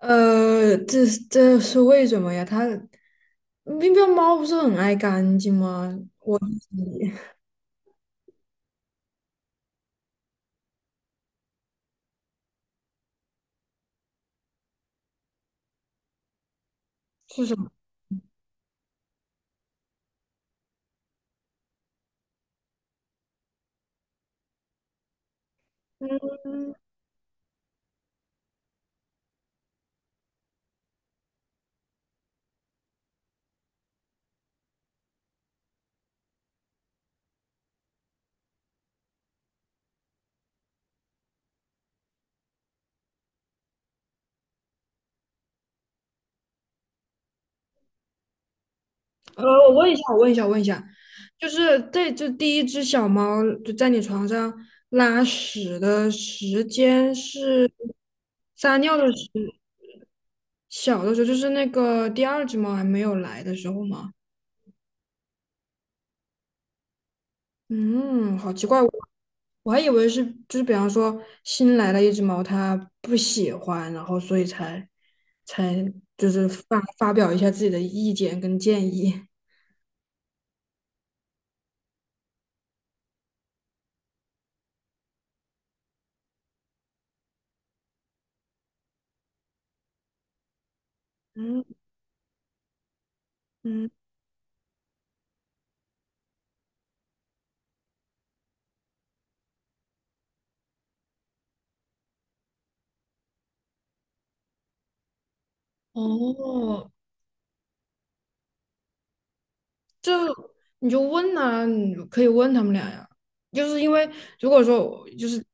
这是为什么呀？喵喵猫不是很爱干净吗？我是什么？嗯，呃，我问一下，我问一下，我问一下，就是第一只小猫就在你床上拉屎的时间是撒尿的时，小的时候，就是那个第二只猫还没有来的时候吗？嗯，好奇怪，我还以为是就是比方说新来了一只猫，它不喜欢，然后所以才就是发表一下自己的意见跟建议。嗯嗯，哦，你可以问他们俩呀。就是因为如果说就是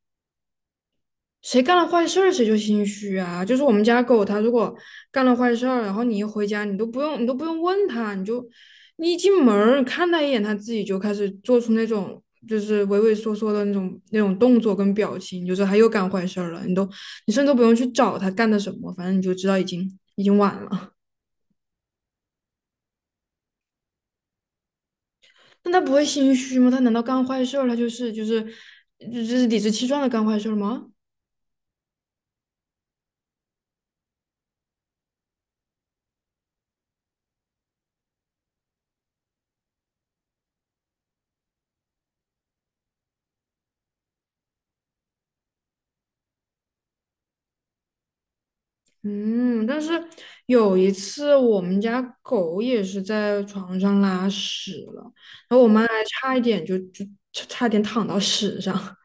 谁干了坏事儿谁就心虚啊。就是我们家狗，它如果干了坏事儿，然后你一回家，你都不用问它，你一进门儿看它一眼，它自己就开始做出那种就是畏畏缩缩的那种动作跟表情，你就是它又干坏事儿了。你甚至都不用去找它干的什么，反正你就知道已经晚了。那它不会心虚吗？它难道干坏事儿，它就是理直气壮的干坏事儿吗？嗯，但是有一次我们家狗也是在床上拉屎了，然后我妈还差一点就就差差点躺到屎上。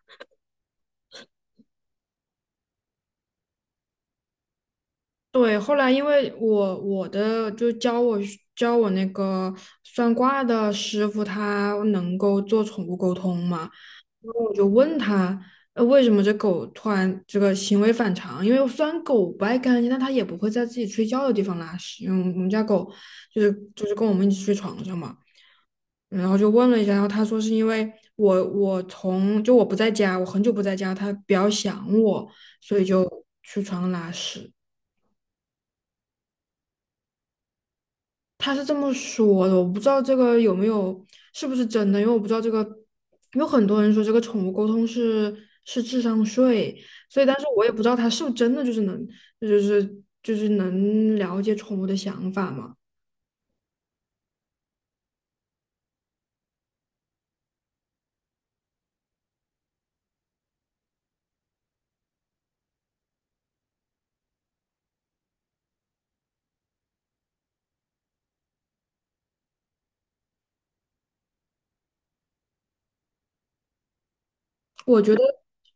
对，后来因为我我的就教我教我那个算卦的师傅，他能够做宠物沟通嘛，然后我就问他，为什么这狗突然这个行为反常？因为虽然狗不爱干净，但它也不会在自己睡觉的地方拉屎，因为我们家狗就是跟我们一起睡床上嘛。然后就问了一下，然后他说是因为我我不在家，我很久不在家，它比较想我，所以就去床上拉屎。他是这么说的，我不知道这个是不是真的，因为我不知道这个，有很多人说这个宠物沟通是智商税，所以但是我也不知道他是不是真的就是能就是就是能了解宠物的想法嘛。我觉得，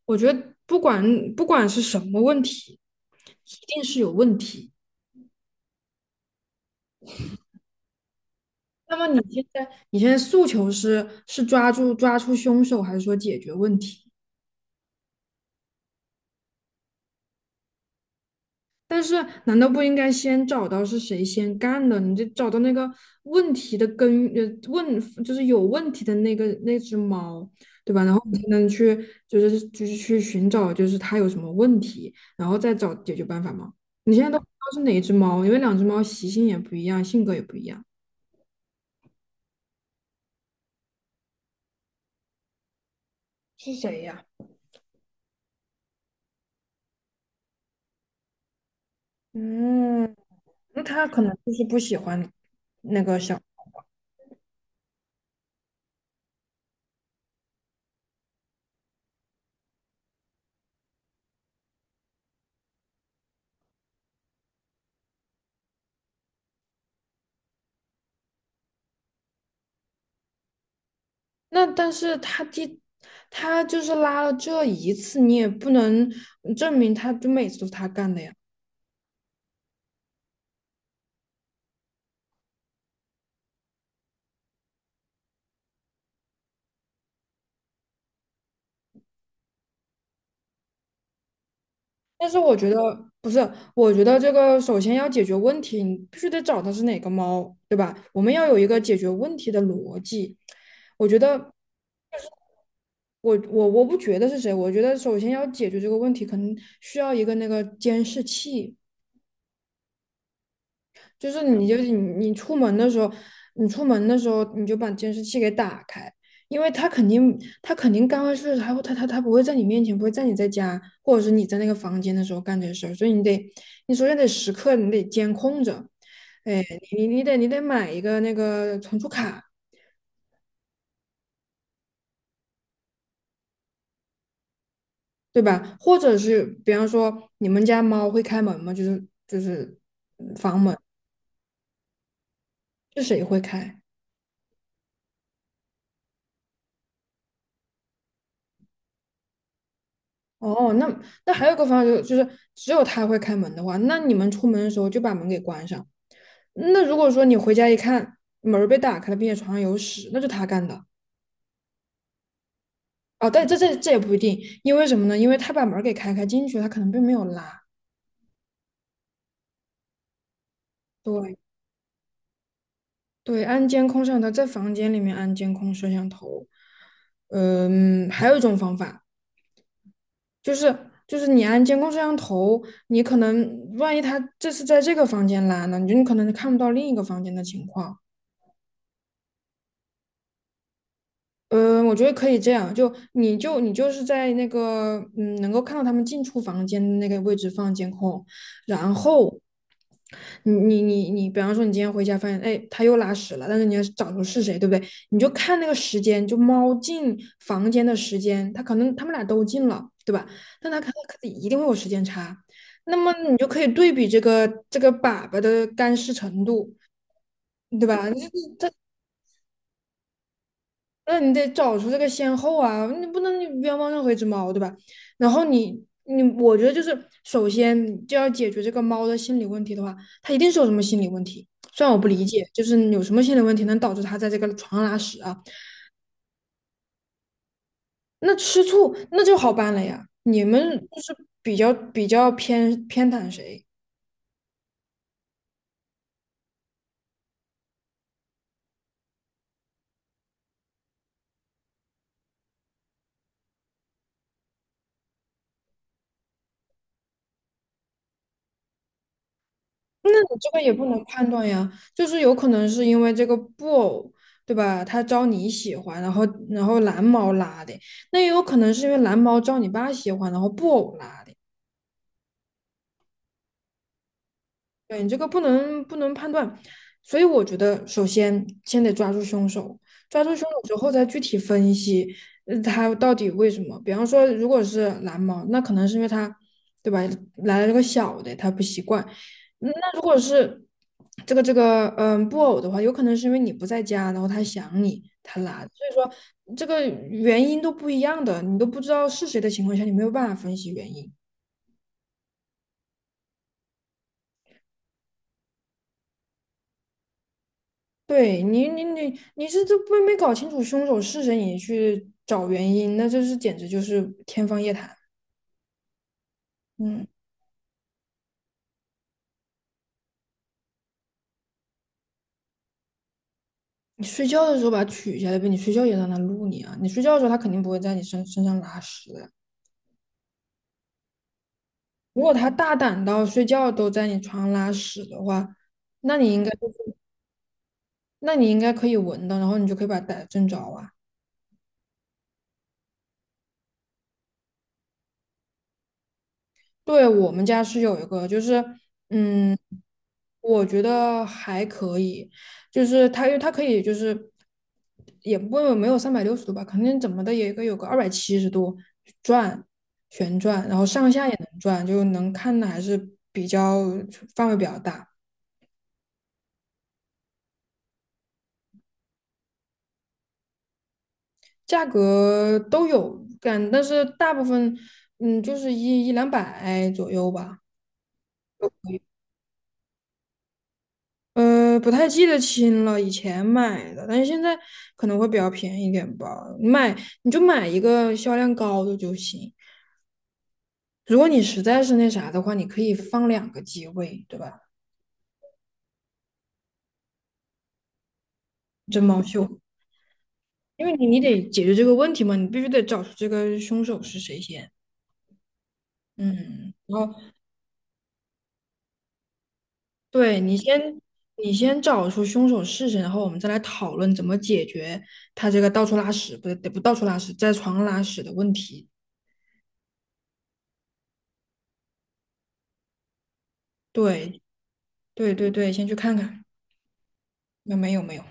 我觉得不管是什么问题，一定是有问题。那么你现在诉求是抓出凶手，还是说解决问题？但是难道不应该先找到是谁先干的？你就找到那个问题的根，就是有问题的那只猫，对吧？然后你才能去寻找就是它有什么问题，然后再找解决办法吗？你现在都不知道是哪一只猫，因为两只猫习性也不一样，性格也不一样。是谁呀？嗯，那它可能就是不喜欢那个小。那但是他就是拉了这一次，你也不能证明他就每次都是他干的呀。但是我觉得不是，我觉得这个首先要解决问题，你必须得找到是哪个猫，对吧？我们要有一个解决问题的逻辑。我觉得我不觉得是谁，我觉得首先要解决这个问题，可能需要一个那个监视器。就是你就你你出门的时候，你出门的时候你就把监视器给打开，因为他肯定干坏事，他不会在你面前，不会在你在家或者是你在那个房间的时候干这些事儿，所以你首先得时刻监控着，哎，你得买一个那个存储卡，对吧？或者是比方说你们家猫会开门吗？房门，是谁会开？哦，那还有一个方法就是，只有他会开门的话，那你们出门的时候就把门给关上。那如果说你回家一看门儿被打开了，并且床上有屎，那就他干的。哦，但这也不一定，因为什么呢？因为他把门儿给开开进去，他可能并没有拉。对对，安监控摄像头在房间里面安监控摄像头。嗯，还有一种方法就是你安监控摄像头，你可能万一他这是在这个房间拉呢，你可能看不到另一个房间的情况。嗯，我觉得可以这样，就是在那个能够看到他们进出房间的那个位置放监控，然后你你你你，比方说你今天回家发现，哎，他又拉屎了，但是你要是找出是谁，对不对？你就看那个时间，就猫进房间的时间，他可能他们俩都进了，对吧？但他可能一定会有时间差，那么你就可以对比这个粑粑的干湿程度，对吧？那你得找出这个先后啊，你不能冤枉任何一只猫，对吧？然后我觉得就是首先就要解决这个猫的心理问题的话，它一定是有什么心理问题。虽然我不理解，就是有什么心理问题能导致它在这个床上拉屎啊？那吃醋那就好办了呀。你们就是比较偏袒谁？那你这个也不能判断呀，就是有可能是因为这个布偶，对吧？他招你喜欢，然后蓝猫拉的，那也有可能是因为蓝猫招你爸喜欢，然后布偶拉的。对，你这个不能判断，所以我觉得先得抓住凶手，抓住凶手之后再具体分析，他到底为什么？比方说，如果是蓝猫，那可能是因为他，对吧？来了个小的，他不习惯。嗯那如果是这个布偶的话，有可能是因为你不在家，然后他想你，他来，所以这个原因都不一样的，你都不知道是谁的情况下，你没有办法分析原因。对你，你是这不没搞清楚凶手是谁，你去找原因，那这是简直就是天方夜谭。嗯，你睡觉的时候把它取下来呗，你睡觉也让它录你啊，你睡觉的时候它肯定不会在你身上拉屎的。如果它大胆到睡觉都在你床上拉屎的话，那你应该就是那你应该可以闻到，然后你就可以把它逮正着啊。对，我们家是有一个，就是嗯，我觉得还可以，就是它，因为它可以就是也不没有360度吧，肯定怎么的有个270度转旋转，然后上下也能转，就能看的还是范围比较大，价格都有干，但是大部分就是一两百左右吧。不太记得清了，以前买的，但是现在可能会比较便宜一点吧。买你就买一个销量高的就行。如果你实在是那啥的话，你可以放两个机位，对吧？真毛秀，因为你得解决这个问题嘛，你必须得找出这个凶手是谁先。嗯，然后对你先找出凶手是谁，然后我们再来讨论怎么解决他这个到处拉屎，不对，不到处拉屎，在床上拉屎的问题。对对对对，先去看看。没有没有没有，